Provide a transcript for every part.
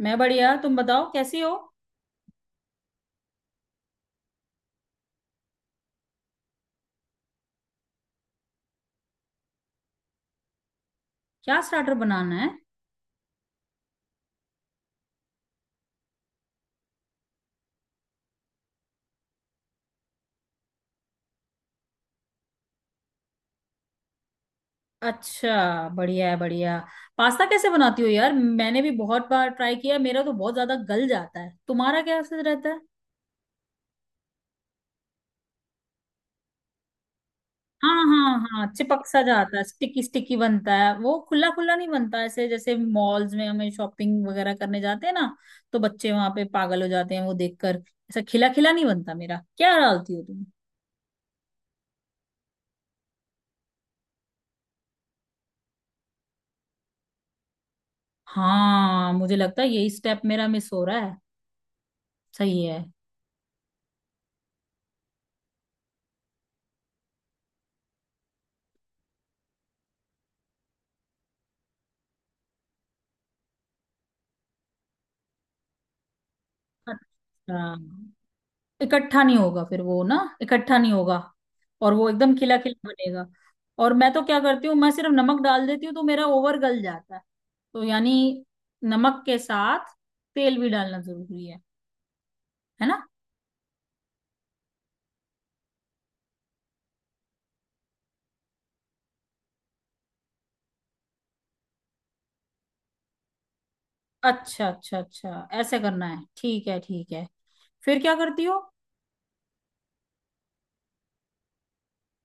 मैं बढ़िया। तुम बताओ कैसी हो। क्या स्टार्टर बनाना है। अच्छा, बढ़िया है, बढ़िया। पास्ता कैसे बनाती हो यार? मैंने भी बहुत बार ट्राई किया, मेरा तो बहुत ज्यादा गल जाता है, तुम्हारा कैसे रहता है। हाँ हाँ हाँ, चिपक सा जाता है, स्टिकी स्टिकी बनता है, वो खुला खुला नहीं बनता। ऐसे जैसे मॉल्स में हमें शॉपिंग वगैरह करने जाते हैं ना, तो बच्चे वहां पे पागल हो जाते हैं वो देखकर। ऐसा खिला खिला नहीं बनता मेरा। क्या डालती हो तुम? हाँ, मुझे लगता है यही स्टेप मेरा मिस हो रहा है। सही है। अच्छा, इकट्ठा नहीं होगा फिर वो ना। इकट्ठा नहीं होगा। और वो एकदम खिला खिला बनेगा। और मैं तो क्या करती हूँ, मैं सिर्फ नमक डाल देती हूँ तो मेरा ओवर गल जाता है। तो यानी नमक के साथ तेल भी डालना जरूरी है। है ना। अच्छा अच्छा अच्छा, ऐसे करना है। ठीक है ठीक है। फिर क्या करती हो?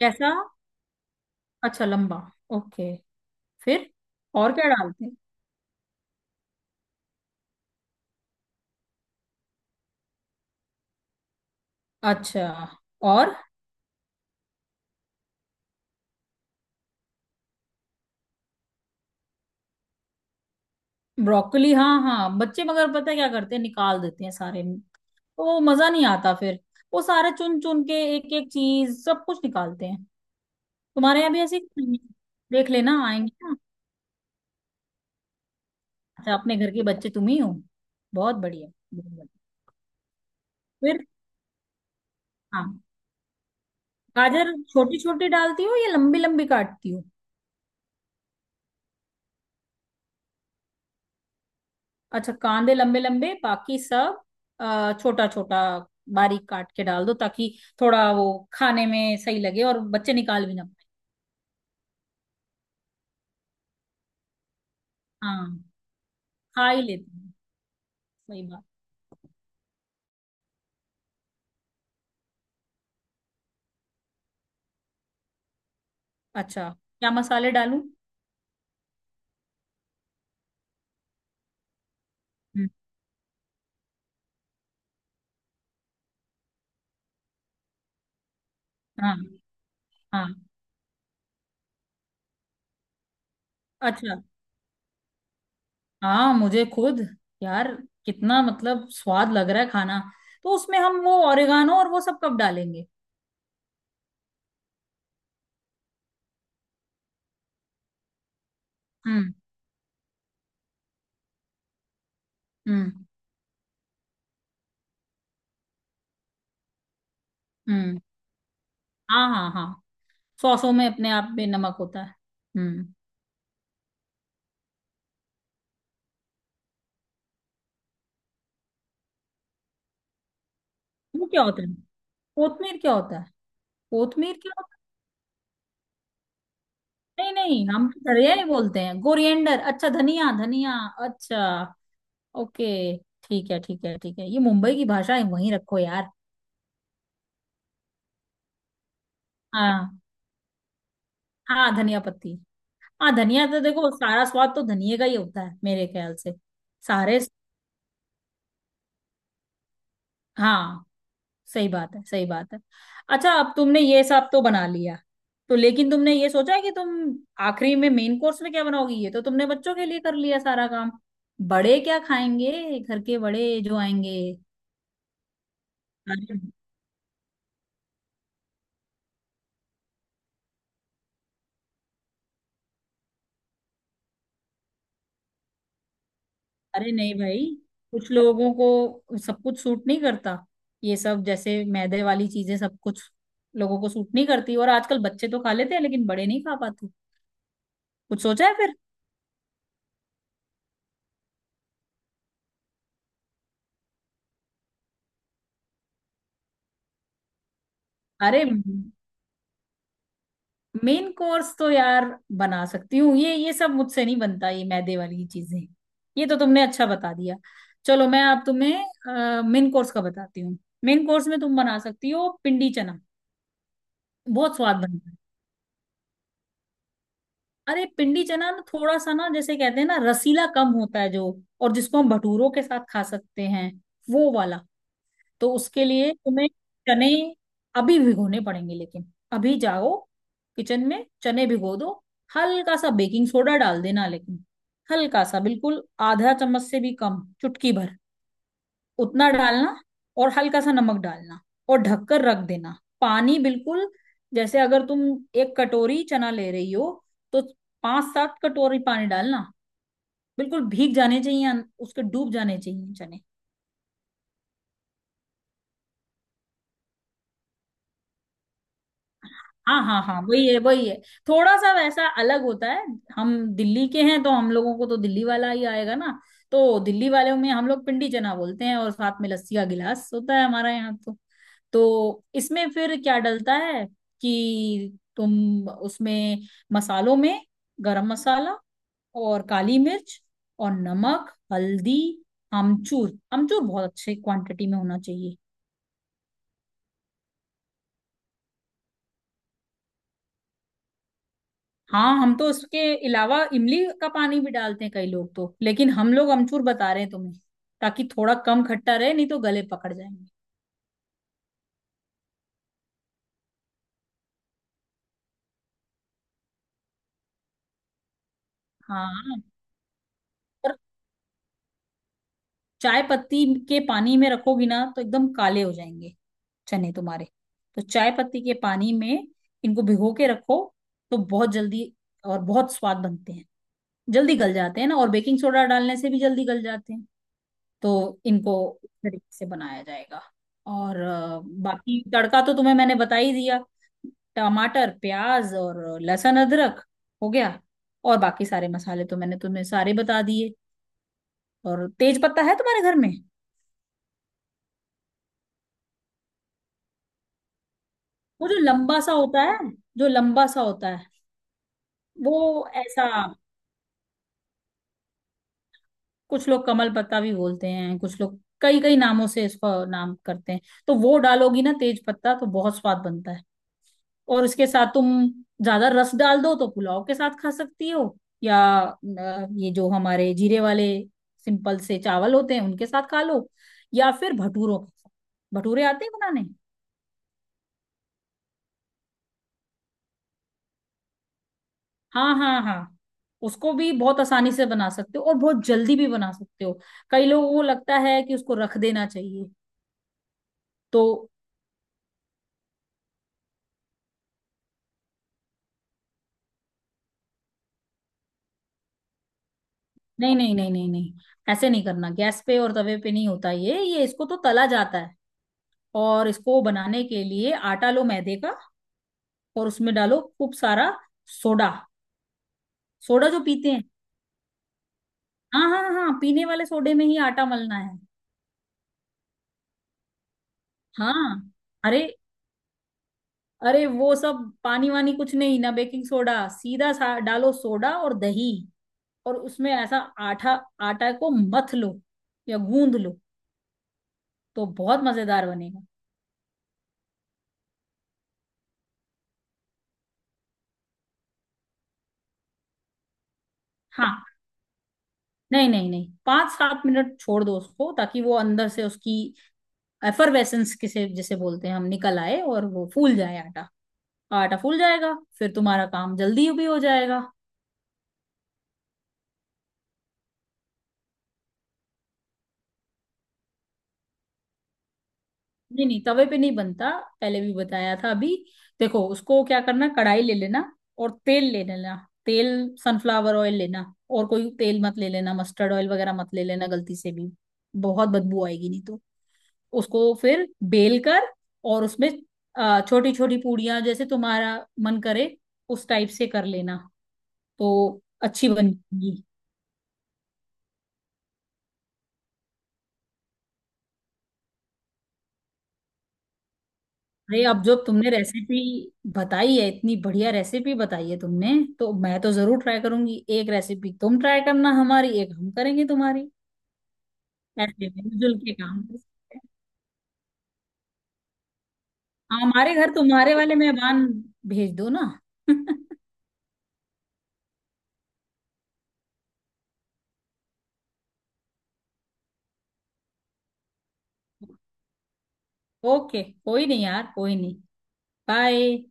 कैसा? अच्छा, लंबा। ओके। फिर? और क्या डालते हैं? अच्छा। और ब्रोकली? हाँ हाँ, बच्चे मगर पता है क्या करते हैं, निकाल देते हैं सारे, तो वो मजा नहीं आता फिर। वो सारे चुन चुन के एक एक चीज सब कुछ निकालते हैं। तुम्हारे यहाँ भी ऐसे ही नहीं है? देख लेना, आएंगे ना। अच्छा, अपने घर के बच्चे तुम ही हो। बहुत बढ़िया। बहुत बढ़िया। फिर? हाँ। गाजर छोटी छोटी डालती हो या लंबी लंबी काटती हो? अच्छा, कांदे लंबे लंबे, बाकी सब छोटा छोटा। बारीक काट के डाल दो ताकि थोड़ा वो खाने में सही लगे और बच्चे निकाल भी ना पाए। हाँ, खा ही लेते हैं। सही बात। अच्छा, क्या मसाले डालूं? हम्म। हाँ हाँ। अच्छा। हाँ मुझे खुद, यार, कितना मतलब स्वाद लग रहा है खाना। तो उसमें हम वो ओरिगानो और वो सब कब डालेंगे? हम्म। हम्म। हम्म। हाँ हाँ हाँ, सॉसों में अपने आप में नमक होता है। हम्म। वो क्या होता है? कोथमीर क्या होता है? कोथमीर क्या होता है, नहीं नहीं, हम तो धनिया ही बोलते हैं, कोरिएंडर। अच्छा, धनिया धनिया। अच्छा। ओके। ठीक है ठीक है ठीक है, ये मुंबई की भाषा है, वहीं रखो यार। हाँ। हाँ, धनिया पत्ती। हाँ, धनिया तो देखो सारा स्वाद तो धनिया का ही होता है मेरे ख्याल से। सारे। हाँ। सही बात है, सही बात है। अच्छा, अब तुमने ये सब तो बना लिया, तो लेकिन तुमने ये सोचा है कि तुम आखिरी में मेन कोर्स में क्या बनाओगी? ये तो तुमने बच्चों के लिए कर लिया सारा काम, बड़े क्या खाएंगे घर के, बड़े जो आएंगे। अरे नहीं भाई, कुछ लोगों को सब कुछ सूट नहीं करता। ये सब जैसे मैदे वाली चीजें सब कुछ लोगों को सूट नहीं करती, और आजकल बच्चे तो खा लेते हैं लेकिन बड़े नहीं खा पाते। कुछ सोचा है फिर? अरे, मेन कोर्स तो यार बना सकती हूँ, ये सब मुझसे नहीं बनता, ये मैदे वाली चीजें। ये तो तुमने अच्छा बता दिया। चलो, मैं अब तुम्हें मेन कोर्स का बताती हूँ। मेन कोर्स में तुम बना सकती हो पिंडी चना। बहुत स्वाद बनता है। अरे पिंडी चना ना, थोड़ा सा ना, जैसे कहते हैं ना, रसीला कम होता है जो, और जिसको हम भटूरों के साथ खा सकते हैं, वो वाला। तो उसके लिए तुम्हें चने अभी भिगोने पड़ेंगे। लेकिन अभी जाओ, किचन में चने भिगो दो। हल्का सा बेकिंग सोडा डाल देना लेकिन, हल्का सा, बिल्कुल आधा चम्मच से भी कम, चुटकी भर उतना डालना। और हल्का सा नमक डालना, और ढककर रख देना। पानी बिल्कुल, जैसे अगर तुम एक कटोरी चना ले रही हो, तो 5-7 कटोरी पानी डालना। बिल्कुल भीग जाने चाहिए, उसके डूब जाने चाहिए चने। हाँ हाँ हाँ, वही है वही है। थोड़ा सा वैसा अलग होता है। हम दिल्ली के हैं तो हम लोगों को तो दिल्ली वाला ही आएगा ना। तो दिल्ली वालों में हम लोग पिंडी चना बोलते हैं, और साथ में लस्सी का गिलास होता है हमारे यहाँ तो। तो इसमें फिर क्या डलता है कि तुम उसमें, मसालों में, गरम मसाला और काली मिर्च और नमक हल्दी, अमचूर। अमचूर बहुत अच्छे क्वांटिटी में होना चाहिए। हाँ, हम तो उसके अलावा इमली का पानी भी डालते हैं कई लोग तो, लेकिन हम लोग अमचूर बता रहे हैं तुम्हें, ताकि थोड़ा कम खट्टा रहे, नहीं तो गले पकड़ जाएंगे। हाँ। और चाय पत्ती के पानी में रखोगी ना तो एकदम काले हो जाएंगे चने तुम्हारे। तो चाय पत्ती के पानी में इनको भिगो के रखो, तो बहुत जल्दी और बहुत स्वाद बनते हैं। जल्दी गल जाते हैं ना, और बेकिंग सोडा डालने से भी जल्दी गल जाते हैं। तो इनको इस तरीके से बनाया जाएगा। और बाकी तड़का तो तुम्हें मैंने बता ही दिया। टमाटर, प्याज और लहसुन अदरक। हो गया। और बाकी सारे मसाले तो मैंने तुम्हें सारे बता दिए। और तेज पत्ता है तुम्हारे घर में? वो जो लंबा सा होता है, जो लंबा सा होता है, वो ऐसा। कुछ लोग कमल पत्ता भी बोलते हैं, कुछ लोग कई कई नामों से इसको नाम करते हैं। तो वो डालोगी ना तेज पत्ता, तो बहुत स्वाद बनता है। और इसके साथ तुम ज्यादा रस डाल दो तो पुलाव के साथ खा सकती हो, या ये जो हमारे जीरे वाले सिंपल से चावल होते हैं, उनके साथ खा लो, या फिर भटूरों के साथ। भटूरे आते हैं बनाने? हाँ हाँ हाँ। उसको भी बहुत आसानी से बना सकते हो, और बहुत जल्दी भी बना सकते हो। कई लोगों को लगता है कि उसको रख देना चाहिए, तो नहीं नहीं नहीं नहीं नहीं, ऐसे नहीं करना। गैस पे और तवे पे नहीं होता ये इसको तो तला जाता है। और इसको बनाने के लिए आटा लो मैदे का, और उसमें डालो खूब सारा सोडा। सोडा जो पीते हैं, हाँ हाँ हाँ हाँ। पीने वाले सोडे में ही आटा मलना है। हाँ। अरे, अरे वो सब पानी वानी कुछ नहीं ना, बेकिंग सोडा सीधा सा डालो, सोडा और दही, और उसमें ऐसा आटा, आटा को मथ लो या गूंद लो, तो बहुत मजेदार बनेगा। हाँ, नहीं नहीं नहीं, 5-7 मिनट छोड़ दो उसको, ताकि वो अंदर से उसकी एफरवेसेंस किसे जिसे बोलते हैं हम, निकल आए, और वो फूल जाए आटा। आटा फूल जाएगा, फिर तुम्हारा काम जल्दी भी हो जाएगा। नहीं नहीं, तवे पे नहीं बनता, पहले भी बताया था अभी। देखो, उसको क्या करना, कढ़ाई ले लेना, और तेल ले लेना। तेल, सनफ्लावर ऑयल लेना, और कोई तेल मत ले लेना, मस्टर्ड ऑयल वगैरह मत ले लेना गलती से भी, बहुत बदबू आएगी नहीं तो। उसको फिर बेल कर, और उसमें छोटी छोटी पूड़ियां जैसे तुम्हारा मन करे, उस टाइप से कर लेना, तो अच्छी बनेगी। अरे, अब जो तुमने रेसिपी बताई है, इतनी बढ़िया रेसिपी बताई है तुमने, तो मैं तो जरूर ट्राई करूंगी। एक रेसिपी तुम ट्राई करना हमारी, एक हम करेंगे तुम्हारी। ऐसे मिलजुल के काम कर सकते हैं। हाँ, हमारे घर तुम्हारे वाले मेहमान भेज दो ना। ओके, कोई नहीं यार, कोई नहीं। बाय।